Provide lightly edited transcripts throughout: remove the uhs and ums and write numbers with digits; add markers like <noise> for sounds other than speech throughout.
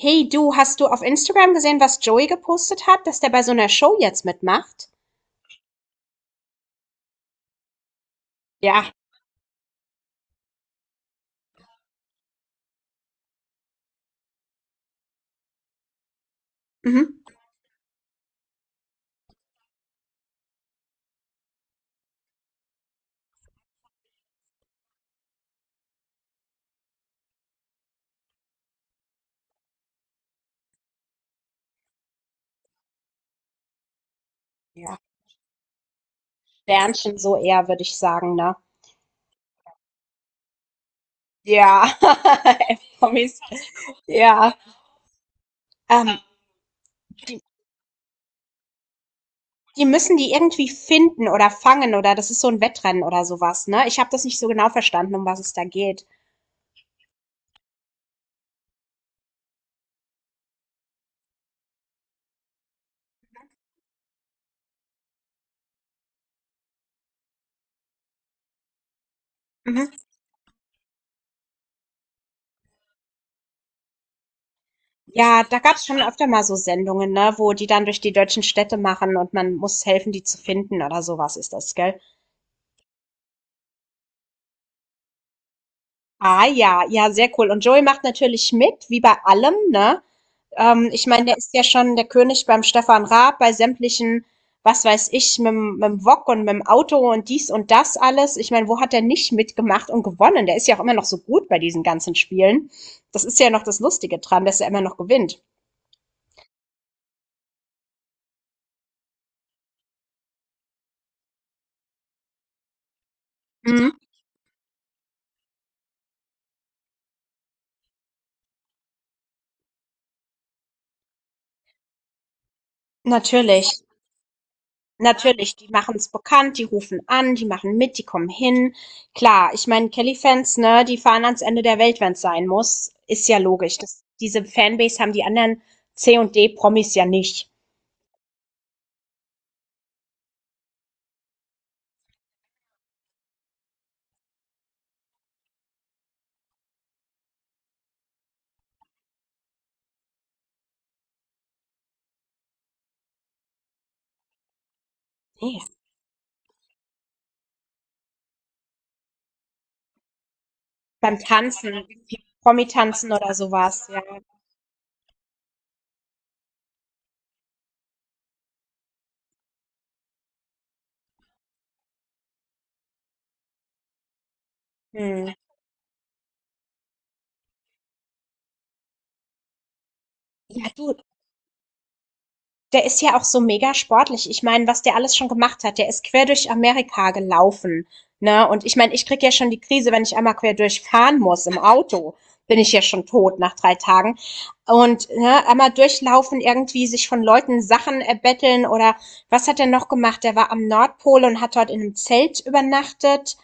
Hey du, hast du auf Instagram gesehen, was Joey gepostet hat, dass der bei so einer Show jetzt mitmacht? Ja. Mhm. Ja. Sternchen so eher, würde ich sagen, ne? Ja. <laughs> Promis. Ja. Ähm, die, die müssen die irgendwie finden oder fangen oder das ist so ein Wettrennen oder sowas, ne? Ich habe das nicht so genau verstanden, um was es da geht. Mhm. Ja, da gab's schon öfter mal so Sendungen, ne, wo die dann durch die deutschen Städte machen und man muss helfen, die zu finden oder sowas ist das, gell? Ah ja, ja, sehr cool. Und Joey macht natürlich mit, wie bei allem, ne? Ich meine, der ist ja schon der König beim Stefan Raab, bei sämtlichen, was weiß ich, mit dem Wok und mit dem Auto und dies und das alles. Ich meine, wo hat er nicht mitgemacht und gewonnen? Der ist ja auch immer noch so gut bei diesen ganzen Spielen. Das ist ja noch das Lustige dran, dass er immer noch gewinnt. Mhm. Natürlich. Natürlich, die machen es bekannt, die rufen an, die machen mit, die kommen hin. Klar, ich meine, Kelly-Fans, ne, die fahren ans Ende der Welt, wenn es sein muss. Ist ja logisch. Das, diese Fanbase haben die anderen C- und D-Promis ja nicht. Nee. Beim Tanzen, wie Promi-Tanzen oder sowas, ja. Hm. Ja, du, der ist ja auch so mega sportlich. Ich meine, was der alles schon gemacht hat. Der ist quer durch Amerika gelaufen, ne? Und ich meine, ich krieg ja schon die Krise, wenn ich einmal quer durchfahren muss im Auto. Bin ich ja schon tot nach drei Tagen. Und ne, einmal durchlaufen, irgendwie sich von Leuten Sachen erbetteln oder was hat er noch gemacht? Der war am Nordpol und hat dort in einem Zelt übernachtet.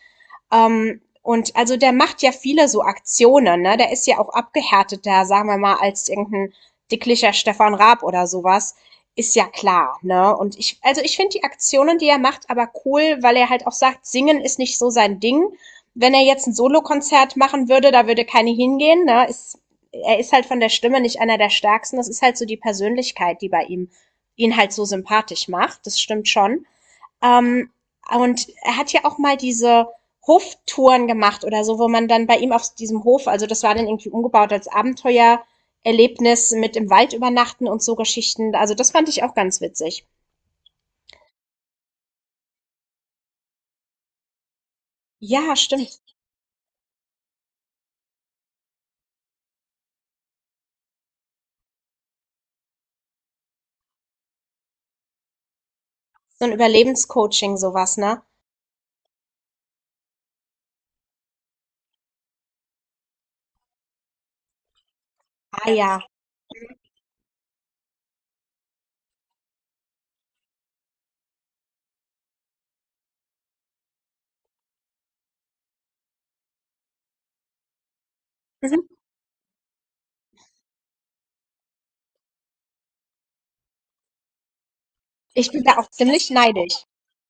Und also der macht ja viele so Aktionen, ne? Der ist ja auch abgehärteter, sagen wir mal, als irgendein dicklicher Stefan Raab oder sowas. Ist ja klar, ne? Und ich, also ich finde die Aktionen, die er macht, aber cool, weil er halt auch sagt, singen ist nicht so sein Ding. Wenn er jetzt ein Solokonzert machen würde, da würde keine hingehen, ne? Ist, er ist halt von der Stimme nicht einer der stärksten. Das ist halt so die Persönlichkeit, die bei ihm ihn halt so sympathisch macht. Das stimmt schon. Ähm, und er hat ja auch mal diese Hoftouren gemacht oder so, wo man dann bei ihm auf diesem Hof, also das war dann irgendwie umgebaut als Abenteuererlebnis mit im Wald übernachten und so Geschichten. Also das fand ich auch ganz witzig. Ja, stimmt. So ein Überlebenscoaching, sowas, ne? Ah ja. Mhm. Ich bin da auch ziemlich neidisch.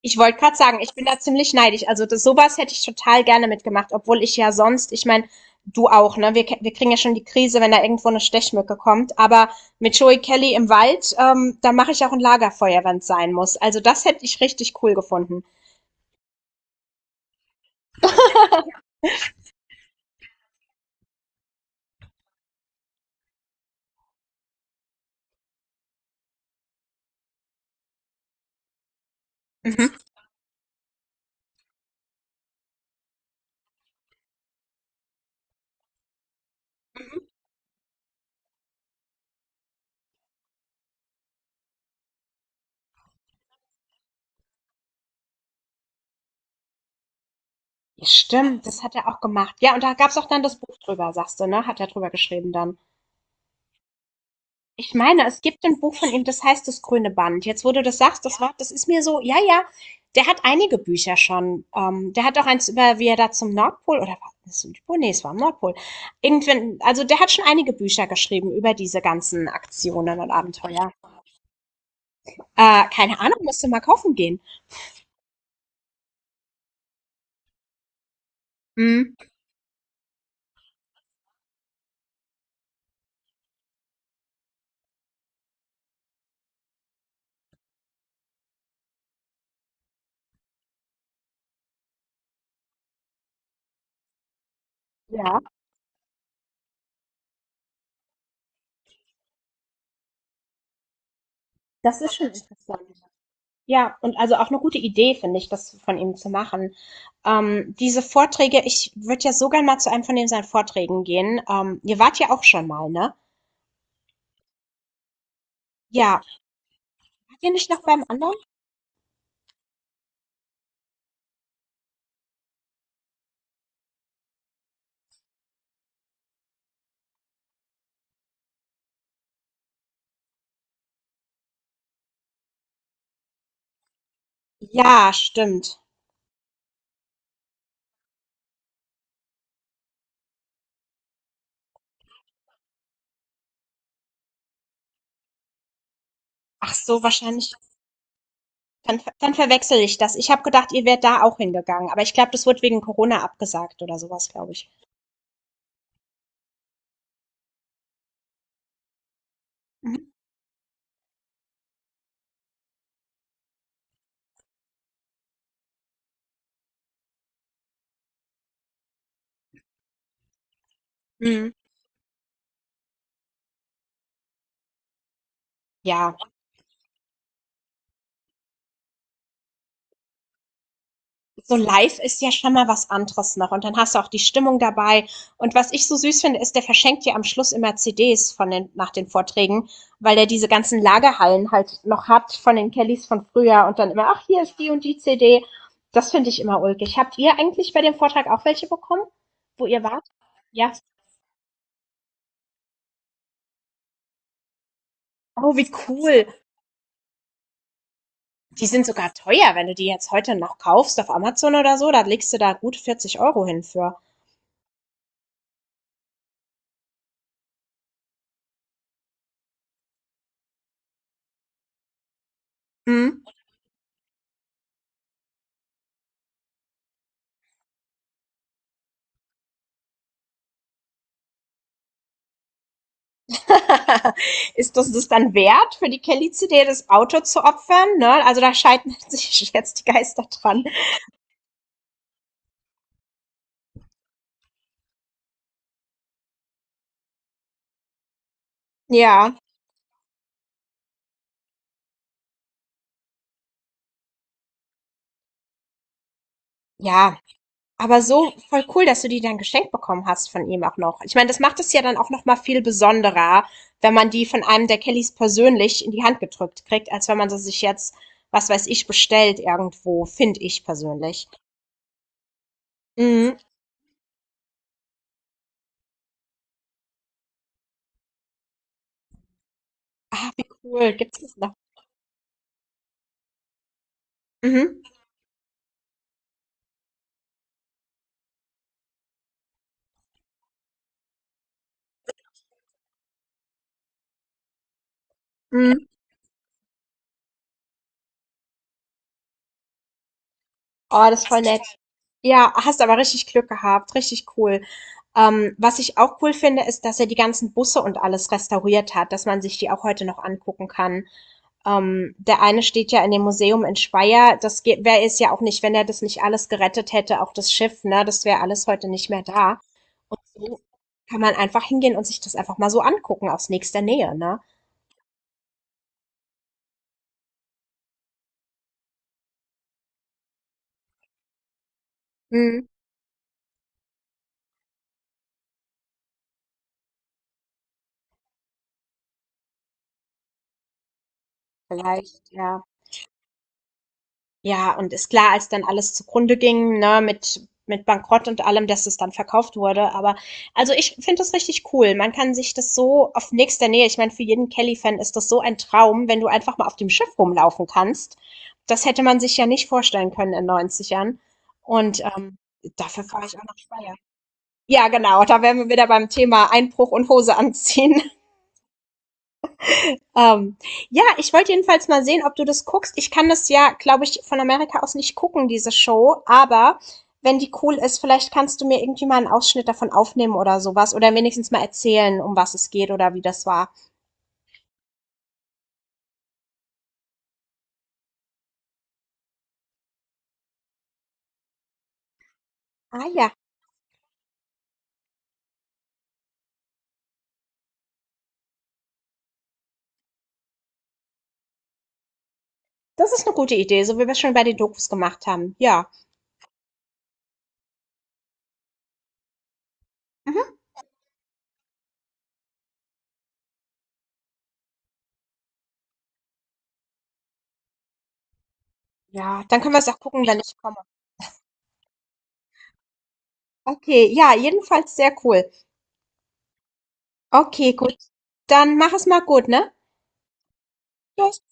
Ich wollte gerade sagen, ich bin da ziemlich neidisch. Also das, sowas hätte ich total gerne mitgemacht, obwohl ich ja sonst, ich meine, du auch, ne? Wir, wir kriegen ja schon die Krise, wenn da irgendwo eine Stechmücke kommt. Aber mit Joey Kelly im Wald, da mache ich auch ein Lagerfeuer, wenn es sein muss. Also das hätte ich richtig cool gefunden. Mhm. Stimmt, das hat er auch gemacht. Ja, und da gab es auch dann das Buch drüber, sagst du, ne? Hat er drüber geschrieben dann. Ich meine, es gibt ein Buch von ihm, das heißt „Das grüne Band“. Jetzt, wo du das sagst, das Ja? war das ist mir so ja, ja, der hat einige Bücher schon. Der hat auch eins über wie er da zum Nordpol oder war das Südpol? Ne, es war am Nordpol. Irgendwann also, der hat schon einige Bücher geschrieben über diese ganzen Aktionen und Abenteuer. Keine Ahnung, musst du mal kaufen gehen. Mhm. Ja, das ist schon interessant. Ja, und also auch eine gute Idee, finde ich, das von ihm zu machen. Diese Vorträge ich würde ja so gern mal zu einem von den seinen Vorträgen gehen. Ihr wart ja auch schon mal, ne? Ja. Wart ihr nicht noch beim anderen? Ja, stimmt. Ach so, wahrscheinlich dann verwechsel ich das. Ich habe gedacht, ihr wärt da auch hingegangen, aber ich glaube, das wurde wegen Corona abgesagt oder sowas glaube ich. Mhm. Mhm. Ja. So live ist ja schon mal was anderes noch. Und dann hast du auch die Stimmung dabei. Und was ich so süß finde, ist, der verschenkt dir am Schluss immer CDs von den, nach den Vorträgen, weil der diese ganzen Lagerhallen halt noch hat von den Kellys von früher und dann immer, ach, hier ist die und die CD. Das finde ich immer ulkig. Habt ihr eigentlich bei dem Vortrag auch welche bekommen, wo ihr wart? Ja. Oh, wie cool. Die sind sogar teuer, wenn du die jetzt heute noch kaufst auf Amazon oder so. Da legst du da gut 40 € hin für. Mhm. <laughs> Ist das das dann wert, für die Kelly-CD das Auto zu opfern? Ne? Also da scheiden <laughs> sich jetzt die Geister dran. Ja, ja. Aber so voll cool, dass du die dann geschenkt bekommen hast von ihm auch noch. Ich meine, das macht es ja dann auch noch mal viel besonderer, wenn man die von einem der Kellys persönlich in die Hand gedrückt kriegt, als wenn man sie sich jetzt, was weiß ich, bestellt irgendwo, finde ich persönlich. Mhm. Ah, wie cool. Gibt's das noch? Mhm. Mhm. Oh, das ist voll nett. Ja, hast aber richtig Glück gehabt, richtig cool. Was ich auch cool finde, ist, dass er die ganzen Busse und alles restauriert hat, dass man sich die auch heute noch angucken kann. Der eine steht ja in dem Museum in Speyer. Das wäre es ja auch nicht, wenn er das nicht alles gerettet hätte, auch das Schiff, ne? Das wäre alles heute nicht mehr da. Und so kann man einfach hingehen und sich das einfach mal so angucken aus nächster Nähe, ne? Mhm. Vielleicht, ja. Ja, und ist klar, als dann alles zugrunde ging, ne, mit Bankrott und allem, dass es dann verkauft wurde. Aber also ich finde das richtig cool. Man kann sich das so auf nächster Nähe, ich meine, für jeden Kelly-Fan ist das so ein Traum, wenn du einfach mal auf dem Schiff rumlaufen kannst. Das hätte man sich ja nicht vorstellen können in 90 Jahren. Und dafür fahre ich auch nach Speyer. Ja, genau, da wären wir wieder beim Thema Einbruch und Hose anziehen. Ähm, ja, ich wollte jedenfalls mal sehen, ob du das guckst. Ich kann das ja, glaube ich, von Amerika aus nicht gucken, diese Show, aber wenn die cool ist, vielleicht kannst du mir irgendwie mal einen Ausschnitt davon aufnehmen oder sowas oder wenigstens mal erzählen, um was es geht oder wie das war. Ah ja, das ist eine gute Idee, so wie wir es schon bei den Dokus gemacht haben. Ja. Mhm. Ja, dann können wir es auch gucken, wenn ich komme. Okay, ja, jedenfalls sehr cool. Okay, gut. Dann mach es mal gut, ne? Tschüss.